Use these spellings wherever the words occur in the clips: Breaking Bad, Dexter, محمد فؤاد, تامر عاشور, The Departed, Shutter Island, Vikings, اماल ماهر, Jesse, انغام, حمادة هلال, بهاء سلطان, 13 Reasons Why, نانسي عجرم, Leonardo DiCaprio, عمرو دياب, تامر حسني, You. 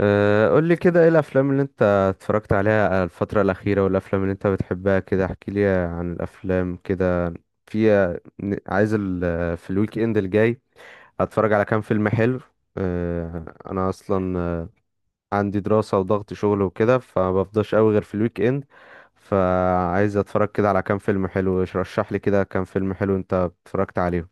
قول لي كده ايه الافلام اللي انت اتفرجت عليها الفترة الأخيرة والافلام اللي انت بتحبها كده احكي لي عن الافلام كده. في عايز في الويك اند الجاي هتفرج على كام فيلم حلو. أه، انا اصلا عندي دراسة وضغط شغل وكده فمبفضاش قوي غير في الويك اند، فعايز اتفرج كده على كام فيلم حلو. رشح لي كده كام فيلم حلو انت اتفرجت عليهم.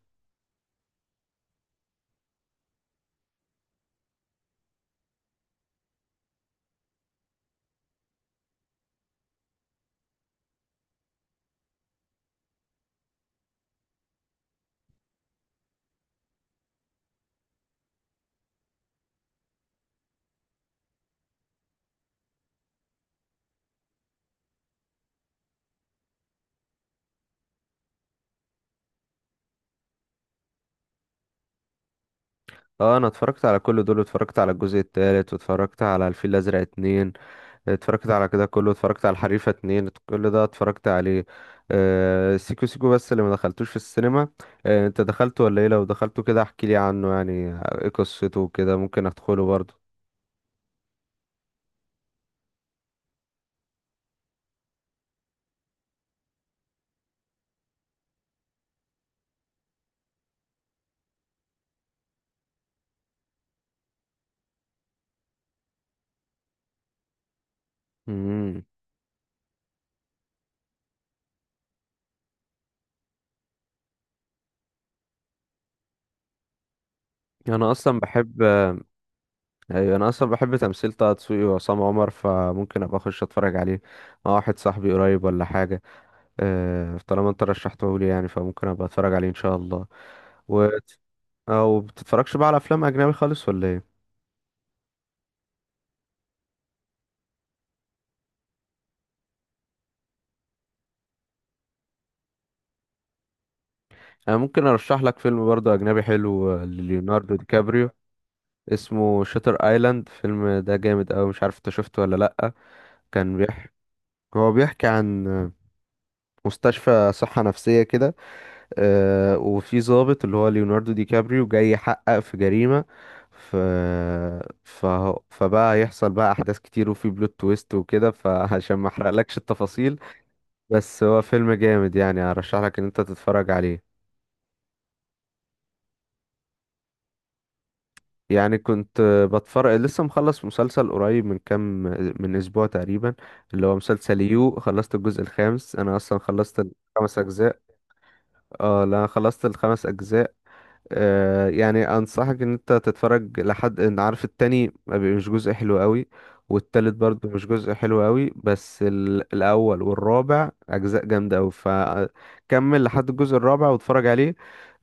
اه انا اتفرجت على كل دول، اتفرجت على الجزء التالت واتفرجت على الفيل الازرق اتنين، اتفرجت على كده كله، اتفرجت على الحريفة اتنين، كل ده اتفرجت عليه. آه سيكو سيكو بس اللي ما دخلتوش في السينما. آه انت دخلته ولا ايه؟ لو دخلته كده احكي لي عنه يعني ايه قصته وكده، ممكن ادخله برضه. امم، انا اصلا بحب. ايوه انا اصلا بحب تمثيل طه دسوقي وعصام عمر، فممكن ابقى اخش اتفرج عليه مع واحد صاحبي قريب ولا حاجة. طالما انت رشحته لي يعني فممكن ابقى اتفرج عليه ان شاء الله. و... مم. او بتتفرجش بقى على افلام اجنبي خالص ولا ايه؟ انا ممكن ارشح لك فيلم برضه اجنبي حلو، لليوناردو دي كابريو. اسمه شاتر ايلاند، الفيلم ده جامد اوي، مش عارف انت شفته ولا لا. كان بيحكي هو بيحكي عن مستشفى صحة نفسية كده. وفي ضابط اللي هو ليوناردو دي كابريو جاي يحقق في جريمة. ف... ف... فبقى هيحصل بقى أحداث كتير وفي بلوت تويست وكده، فعشان ما أحرقلكش التفاصيل. بس هو فيلم جامد يعني، أرشح لك إن أنت تتفرج عليه. يعني كنت بتفرج، لسه مخلص مسلسل قريب من كام، من أسبوع تقريبا، اللي هو مسلسل يو. خلصت الجزء الخامس، أنا أصلا خلصت الخمس أجزاء. اه لا خلصت الخمس أجزاء. يعني انصحك ان انت تتفرج لحد ان عارف، التاني ما بي- مش جزء حلو قوي، والتالت برضه مش جزء حلو قوي، بس الاول والرابع اجزاء جامده قوي، فكمل لحد الجزء الرابع واتفرج عليه.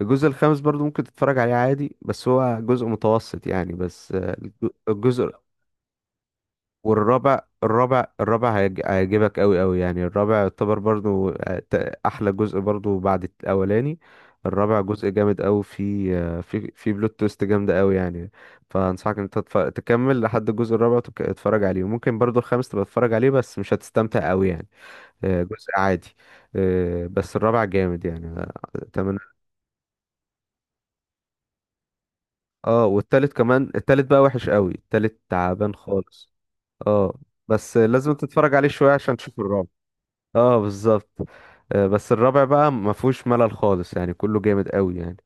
الجزء الخامس برضه ممكن تتفرج عليه عادي بس هو جزء متوسط يعني، بس الجزء والرابع. الرابع هيعجبك قوي قوي، يعني الرابع يعتبر برضو احلى جزء برضو بعد الاولاني. الرابع جزء جامد قوي، في في بلوت تويست جامده قوي يعني. فانصحك ان انت تكمل لحد الجزء الرابع تتفرج عليه، وممكن برضو الخامس تبقى تتفرج عليه بس مش هتستمتع قوي يعني، جزء عادي. بس الرابع جامد يعني، اتمنى. اه والتالت كمان، التالت بقى وحش قوي، التالت تعبان خالص. اه بس لازم تتفرج عليه شويه عشان تشوف الرابع. اه بالظبط، بس الرابع بقى ما فيهوش ملل خالص يعني، كله جامد قوي يعني.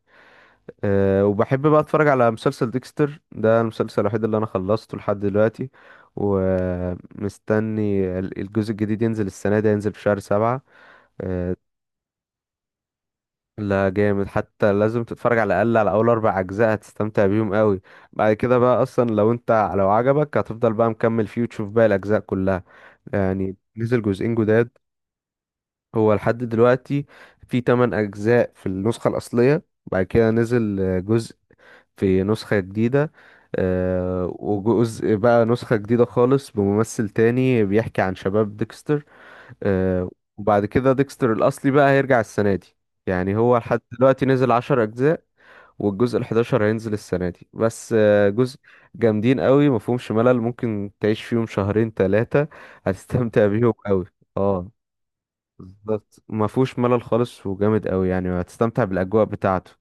أه وبحب بقى اتفرج على مسلسل ديكستر، ده المسلسل الوحيد اللي انا خلصته لحد دلوقتي، ومستني الجزء الجديد ينزل السنة دي، ينزل في شهر سبعة. أه لا جامد، حتى لازم تتفرج على الأقل على أول أربع أجزاء هتستمتع بيهم قوي. بعد كده بقى أصلا لو عجبك هتفضل بقى مكمل فيه وتشوف باقي الأجزاء كلها. يعني نزل جزئين جداد. هو لحد دلوقتي في 8 أجزاء في النسخة الأصلية، بعد كده نزل جزء في نسخة جديدة، وجزء بقى نسخة جديدة خالص بممثل تاني بيحكي عن شباب ديكستر. آه، وبعد كده ديكستر الأصلي بقى هيرجع السنة دي، يعني هو لحد دلوقتي نزل 10 أجزاء، والجزء الحداشر هينزل السنة دي، بس جزء جامدين قوي مفهومش ملل، ممكن تعيش فيهم شهرين تلاتة هتستمتع بيهم قوي. اه بالظبط ما فيهوش ملل خالص وجامد قوي، يعني هتستمتع بالاجواء بتاعته.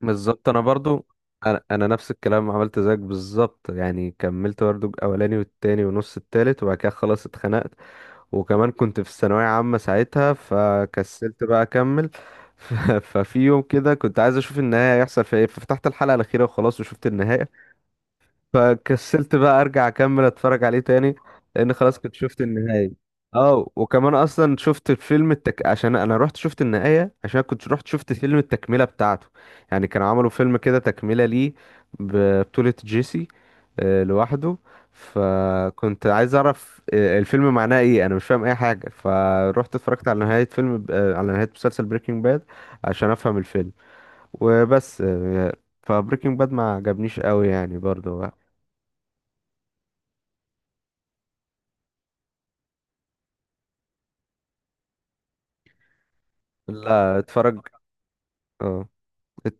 بالظبط انا برضو انا انا نفس الكلام، عملت زيك بالظبط يعني، كملت برضو الاولاني والتاني ونص التالت وبعد كده خلاص اتخنقت، وكمان كنت في الثانويه عامه ساعتها فكسلت بقى اكمل. ف- ففي يوم كده كنت عايز اشوف النهايه هيحصل فيها ايه، ففتحت الحلقه الاخيره وخلاص وشفت النهايه. فكسلت بقى ارجع اكمل اتفرج عليه تاني، لان خلاص كنت شفت النهاية. اه وكمان اصلا شفت فيلم التك، عشان انا رحت شفت النهاية عشان كنت رحت شفت فيلم التكملة بتاعته، يعني كانوا عملوا فيلم كده تكملة ليه ببطولة جيسي لوحده. فكنت عايز اعرف الفيلم معناه ايه، انا مش فاهم اي حاجة، فروحت اتفرجت على نهاية فيلم على نهاية مسلسل بريكنج باد عشان افهم الفيلم، وبس فبريكنج باد ما عجبنيش قوي يعني برضو. لا اتفرج. اه ات-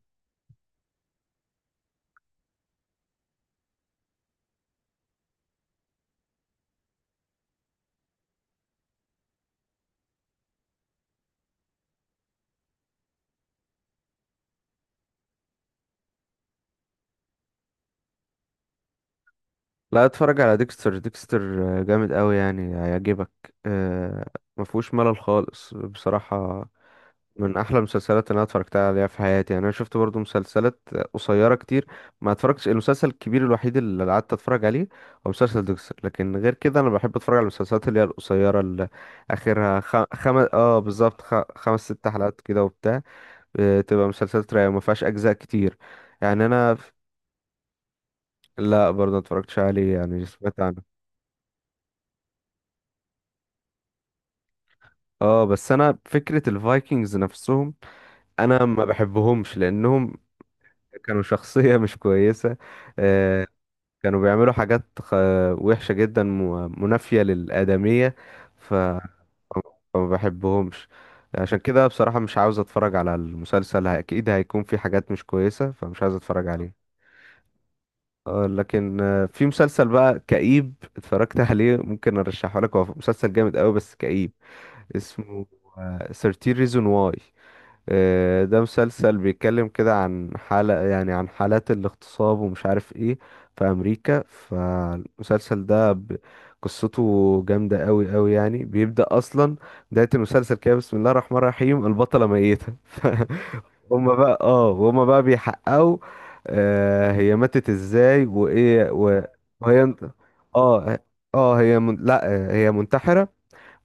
لا اتفرج على ديكستر. جامد قوي يعني هيعجبك، آه، ما فيهوش ملل خالص بصراحة. من احلى المسلسلات اللي انا اتفرجت عليها في حياتي، يعني انا شفت برضو مسلسلات قصيرة كتير ما اتفرجتش، المسلسل الكبير الوحيد اللي قعدت اتفرج عليه هو مسلسل ديكستر. لكن غير كده انا بحب اتفرج على المسلسلات اللي هي القصيرة، اللي اخرها اه بالظبط خمس ست حلقات كده وبتاع. تبقى مسلسلات رايقة ما فيهاش اجزاء كتير يعني. انا، لا برضه متفرجتش عليه يعني سمعت عنه. اه بس انا فكرة الفايكنجز نفسهم انا ما بحبهمش، لانهم كانوا شخصية مش كويسة، آه كانوا بيعملوا وحشة جدا، منافية للآدمية. ف فما بحبهمش، عشان كده بصراحة مش عاوز اتفرج على المسلسل، اكيد هيكون في حاجات مش كويسة فمش عاوز اتفرج عليه. لكن في مسلسل بقى كئيب اتفرجت عليه، ممكن ارشحه لك، هو مسلسل جامد قوي بس كئيب، اسمه 13 ريزون واي. ده مسلسل بيتكلم كده عن حالة، يعني عن حالات الاغتصاب ومش عارف ايه في امريكا، فالمسلسل ده قصته جامدة قوي قوي يعني. بيبدأ اصلا بداية المسلسل كده بسم الله الرحمن الرحيم، البطلة ميتة هما بقى اه هما بقى بيحققوا آه هي ماتت ازاي وايه و- وهي اه اه هي من... لا هي منتحرة،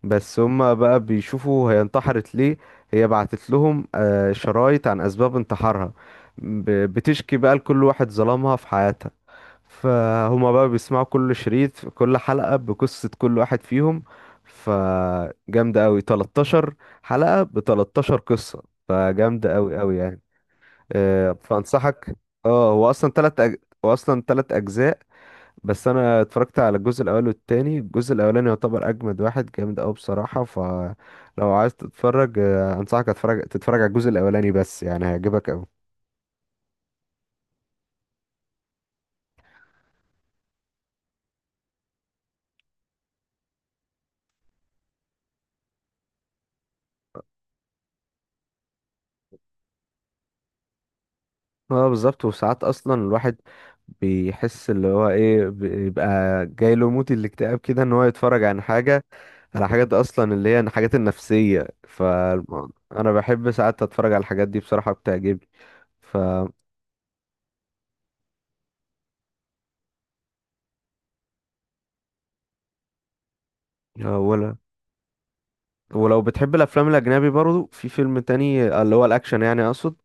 بس هما بقى بيشوفوا هي انتحرت ليه. هي بعتت لهم شرايط عن اسباب انتحارها، بتشكي بقى لكل واحد ظلمها في حياتها، فهما بقى بيسمعوا كل شريط في كل حلقة بقصة كل واحد فيهم. فجامدة قوي، 13 حلقة ب 13 قصة، فجامدة قوي قوي يعني. فانصحك. اه هو اصلا هو اصلا تلات اجزاء، بس انا اتفرجت على الجزء الاول والتاني، الجزء الاولاني يعتبر اجمد واحد، جامد قوي بصراحه، فلو عايز تتفرج انصحك تتفرج على الجزء الاولاني بس، يعني هيعجبك قوي. اه بالظبط، وساعات اصلا الواحد بيحس، اللي هو ايه بيبقى جاي له موت الاكتئاب كده، ان هو يتفرج عن حاجه، على حاجات اصلا اللي هي الحاجات النفسيه، فانا بحب ساعات اتفرج على الحاجات دي بصراحه، بتعجبني. ف، ولو بتحب الافلام الاجنبي برضو في فيلم تاني اللي هو الاكشن يعني اقصد،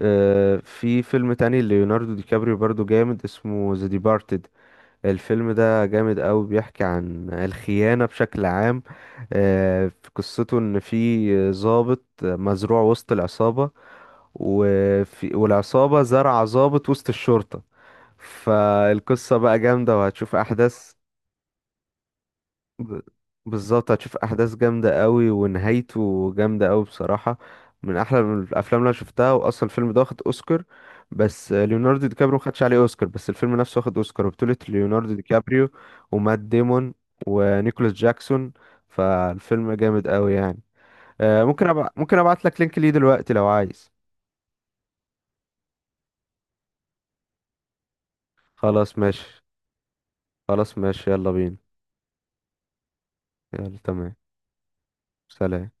في فيلم تاني ليوناردو دي كابريو برضو جامد، اسمه ذا ديبارتد. الفيلم ده جامد قوي، بيحكي عن الخيانة بشكل عام. في قصته ان في ضابط مزروع وسط العصابة، والعصابة زرع ضابط وسط الشرطة، فالقصة بقى جامدة وهتشوف أحداث. ب- بالظبط هتشوف احداث جامده قوي ونهايته جامده قوي بصراحه، من احلى من الافلام اللي انا شفتها. واصلا الفيلم ده واخد اوسكار، بس ليوناردو دي كابريو خدش عليه اوسكار، بس الفيلم نفسه واخد اوسكار، وبطوله ليوناردو دي كابريو ومات ديمون ونيكولاس جاكسون. فالفيلم جامد قوي يعني. ممكن ابعت لك لينك ليه دلوقتي لو عايز. خلاص ماشي، خلاص ماشي، يلا بينا. يلا تمام. سلام.